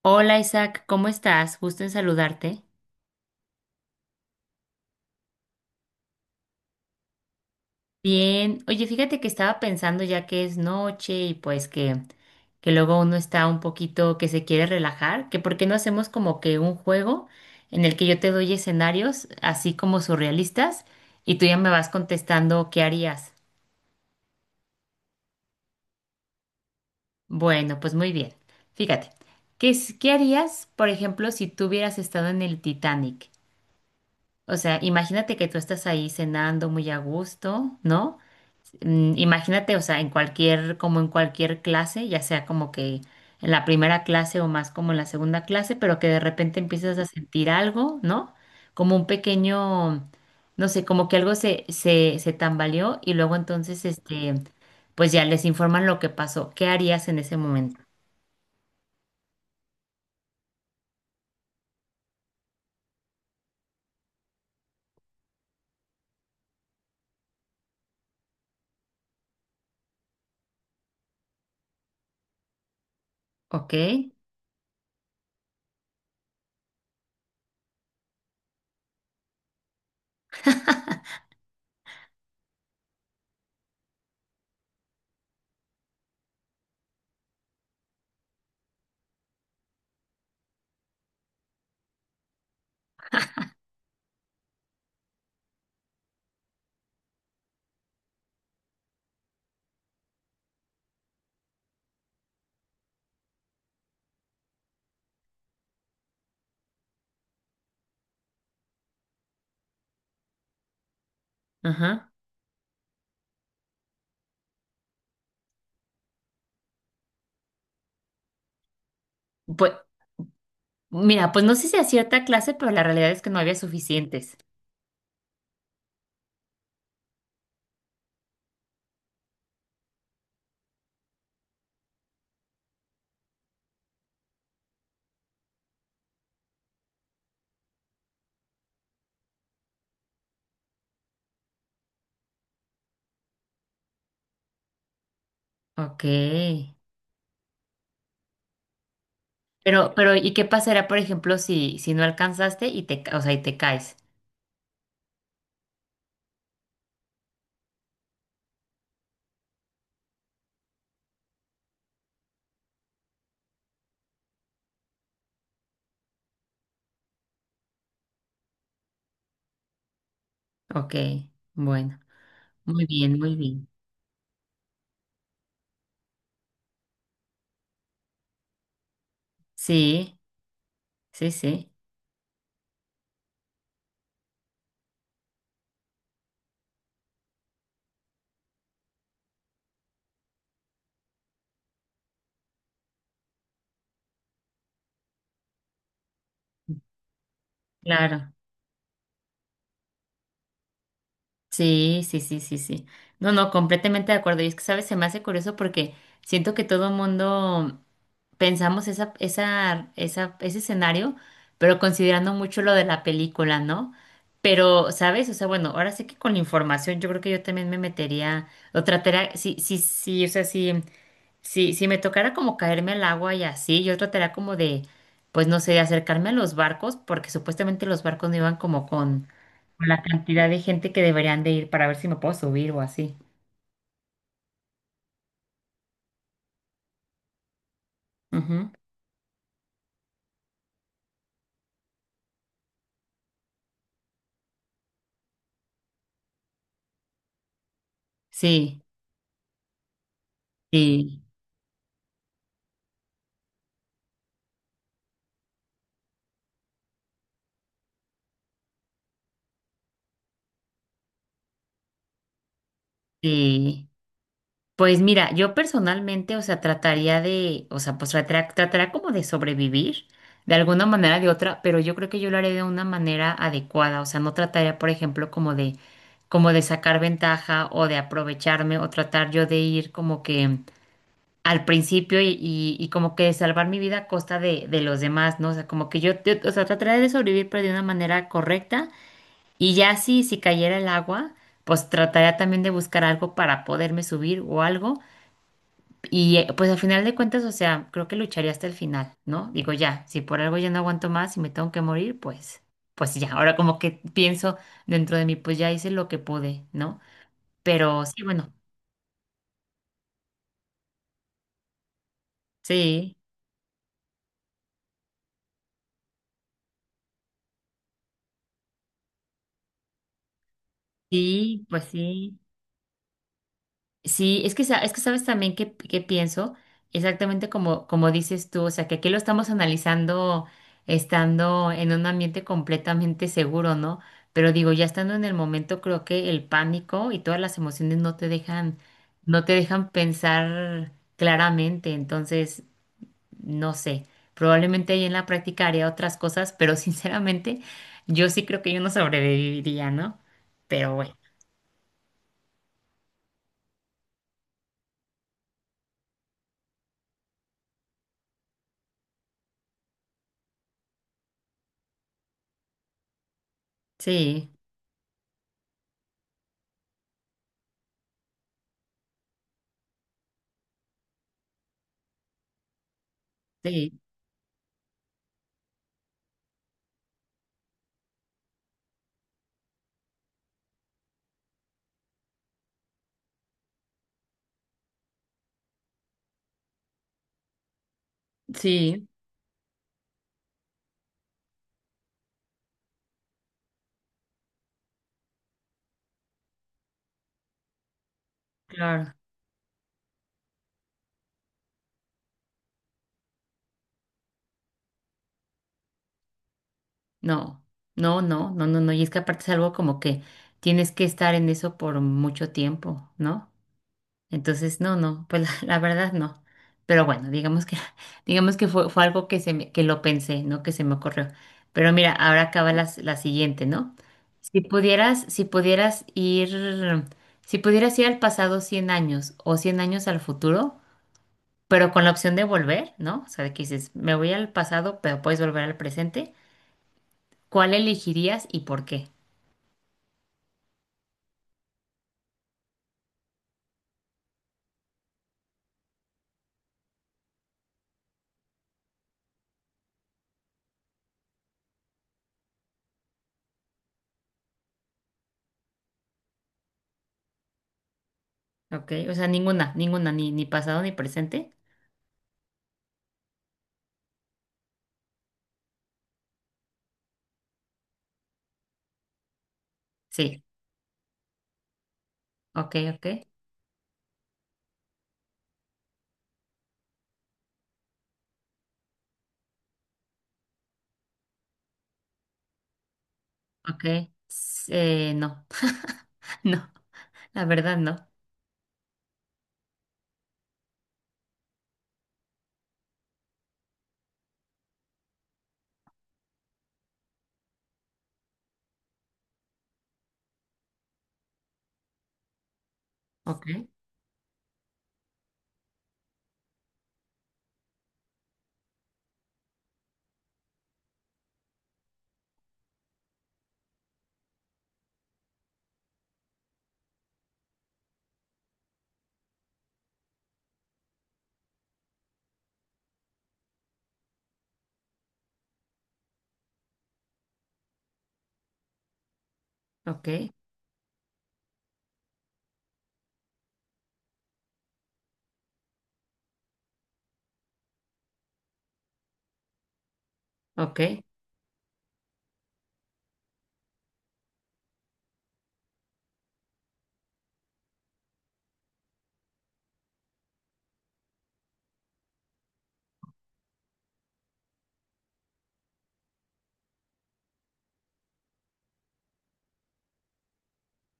Hola Isaac, ¿cómo estás? Gusto en saludarte. Bien, oye, fíjate que estaba pensando ya que es noche y pues que luego uno está un poquito que se quiere relajar, que por qué no hacemos como que un juego en el que yo te doy escenarios así como surrealistas y tú ya me vas contestando qué harías. Bueno, pues muy bien. Fíjate, ¿ qué harías, por ejemplo, si tú hubieras estado en el Titanic? O sea, imagínate que tú estás ahí cenando muy a gusto, ¿no? Imagínate, o sea, en cualquier, como en cualquier clase, ya sea como que en la primera clase o más como en la segunda clase, pero que de repente empiezas a sentir algo, ¿no? Como un pequeño, no sé, como que algo se tambaleó y luego entonces, pues ya les informan lo que pasó. ¿Qué harías en ese momento? ¿Ok? Ajá. Pues, mira, pues no sé si a cierta clase, pero la realidad es que no había suficientes. Ok. Pero, ¿y qué pasará, por ejemplo, si no alcanzaste y o sea, y te caes? Ok, bueno, muy bien, muy bien. Sí, sí, sí, claro. Sí, sí, sí, sí, sí. No, no, completamente de acuerdo. Y es que, ¿sabes? Se me hace curioso porque siento que todo el mundo pensamos ese escenario, pero considerando mucho lo de la película, ¿no? Pero, ¿sabes? O sea, bueno, ahora sí que con la información yo creo que yo también me metería, o trataría, sí, sí, sí, o sea, sí. Sí, si me tocara como caerme al agua y así, yo trataría como de, pues no sé, de acercarme a los barcos, porque supuestamente los barcos no iban como con la cantidad de gente que deberían de ir para ver si me puedo subir o así. Ujú. Sí, sí, sí. Pues mira, yo personalmente, o sea, trataría de, o sea, pues trataría como de sobrevivir de alguna manera o de otra, pero yo creo que yo lo haré de una manera adecuada, o sea, no trataría, por ejemplo, como de sacar ventaja o de aprovecharme o tratar yo de ir como que al principio y como que salvar mi vida a costa de los demás, ¿no? O sea, como que yo, o sea, trataría de sobrevivir, pero de una manera correcta y ya si cayera el agua, pues trataría también de buscar algo para poderme subir o algo y pues al final de cuentas, o sea, creo que lucharé hasta el final, ¿no? Digo, ya, si por algo ya no aguanto más y me tengo que morir, pues, pues ya. Ahora como que pienso dentro de mí, pues ya hice lo que pude, ¿no? Pero sí, bueno, sí, sí, pues sí. Sí, es que, es que sabes también que pienso exactamente como, como dices tú, o sea, que aquí lo estamos analizando estando en un ambiente completamente seguro, ¿no? Pero digo, ya estando en el momento, creo que el pánico y todas las emociones no te no te dejan pensar claramente, entonces, no sé, probablemente ahí en la práctica haría otras cosas, pero sinceramente, yo sí creo que yo no sobreviviría, ¿no? Pero bueno, sí, sí, sí, claro. No, no, no, no, no, no. Y es que aparte es algo como que tienes que estar en eso por mucho tiempo, ¿no? Entonces, no, no, pues la verdad no. Pero bueno, digamos que, digamos que fue algo que que lo pensé, ¿no? Que se me ocurrió. Pero mira, ahora acaba la siguiente, ¿no? Si pudieras, si pudieras ir, si pudieras ir al pasado 100 años o 100 años al futuro, pero con la opción de volver, ¿no? O sea, de que dices, me voy al pasado, pero puedes volver al presente. ¿Cuál elegirías y por qué? Ok, o sea, ninguna, ninguna, ni pasado ni presente. Sí, ok, ok, ok. No, no, la verdad no. Ok, ok, ok,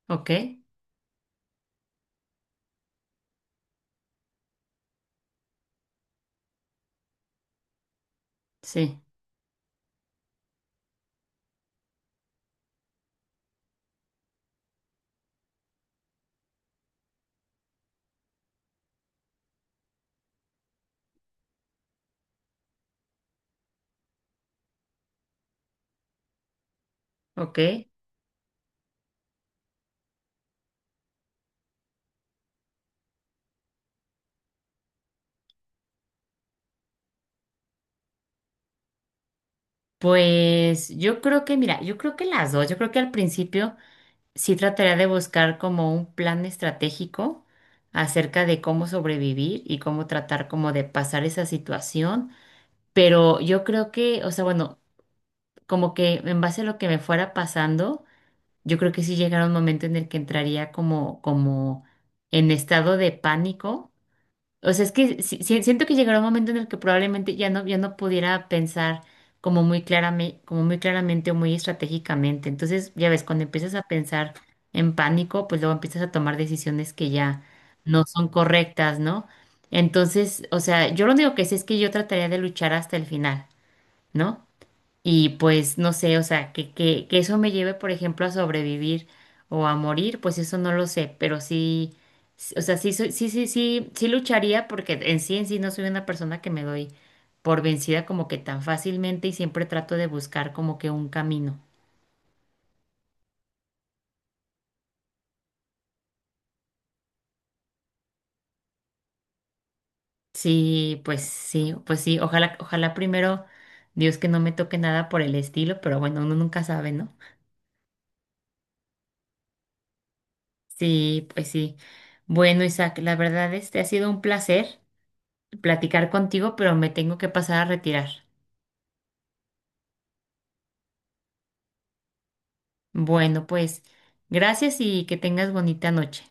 ok, sí, ok. Pues yo creo que, mira, yo creo que las dos, yo creo que al principio sí trataría de buscar como un plan estratégico acerca de cómo sobrevivir y cómo tratar como de pasar esa situación, pero yo creo que, o sea, bueno, como que en base a lo que me fuera pasando. Yo creo que sí llegará un momento en el que entraría como, como en estado de pánico. O sea, es que siento que llegará un momento en el que probablemente ya no pudiera pensar como muy claramente o muy estratégicamente. Entonces, ya ves, cuando empiezas a pensar en pánico, pues luego empiezas a tomar decisiones que ya no son correctas, ¿no? Entonces, o sea, yo lo único que sé es que yo trataría de luchar hasta el final, ¿no? Y pues no sé, o sea, que eso me lleve, por ejemplo, a sobrevivir o a morir, pues eso no lo sé, pero sí, o sea, sí, sí, sí, sí, sí lucharía porque en sí no soy una persona que me doy por vencida como que tan fácilmente y siempre trato de buscar como que un camino. Sí, pues sí, pues sí, ojalá, ojalá primero Dios que no me toque nada por el estilo, pero bueno, uno nunca sabe, ¿no? Sí, pues sí. Bueno, Isaac, la verdad este ha sido un placer. Platicar contigo, pero me tengo que pasar a retirar. Bueno, pues gracias y que tengas bonita noche.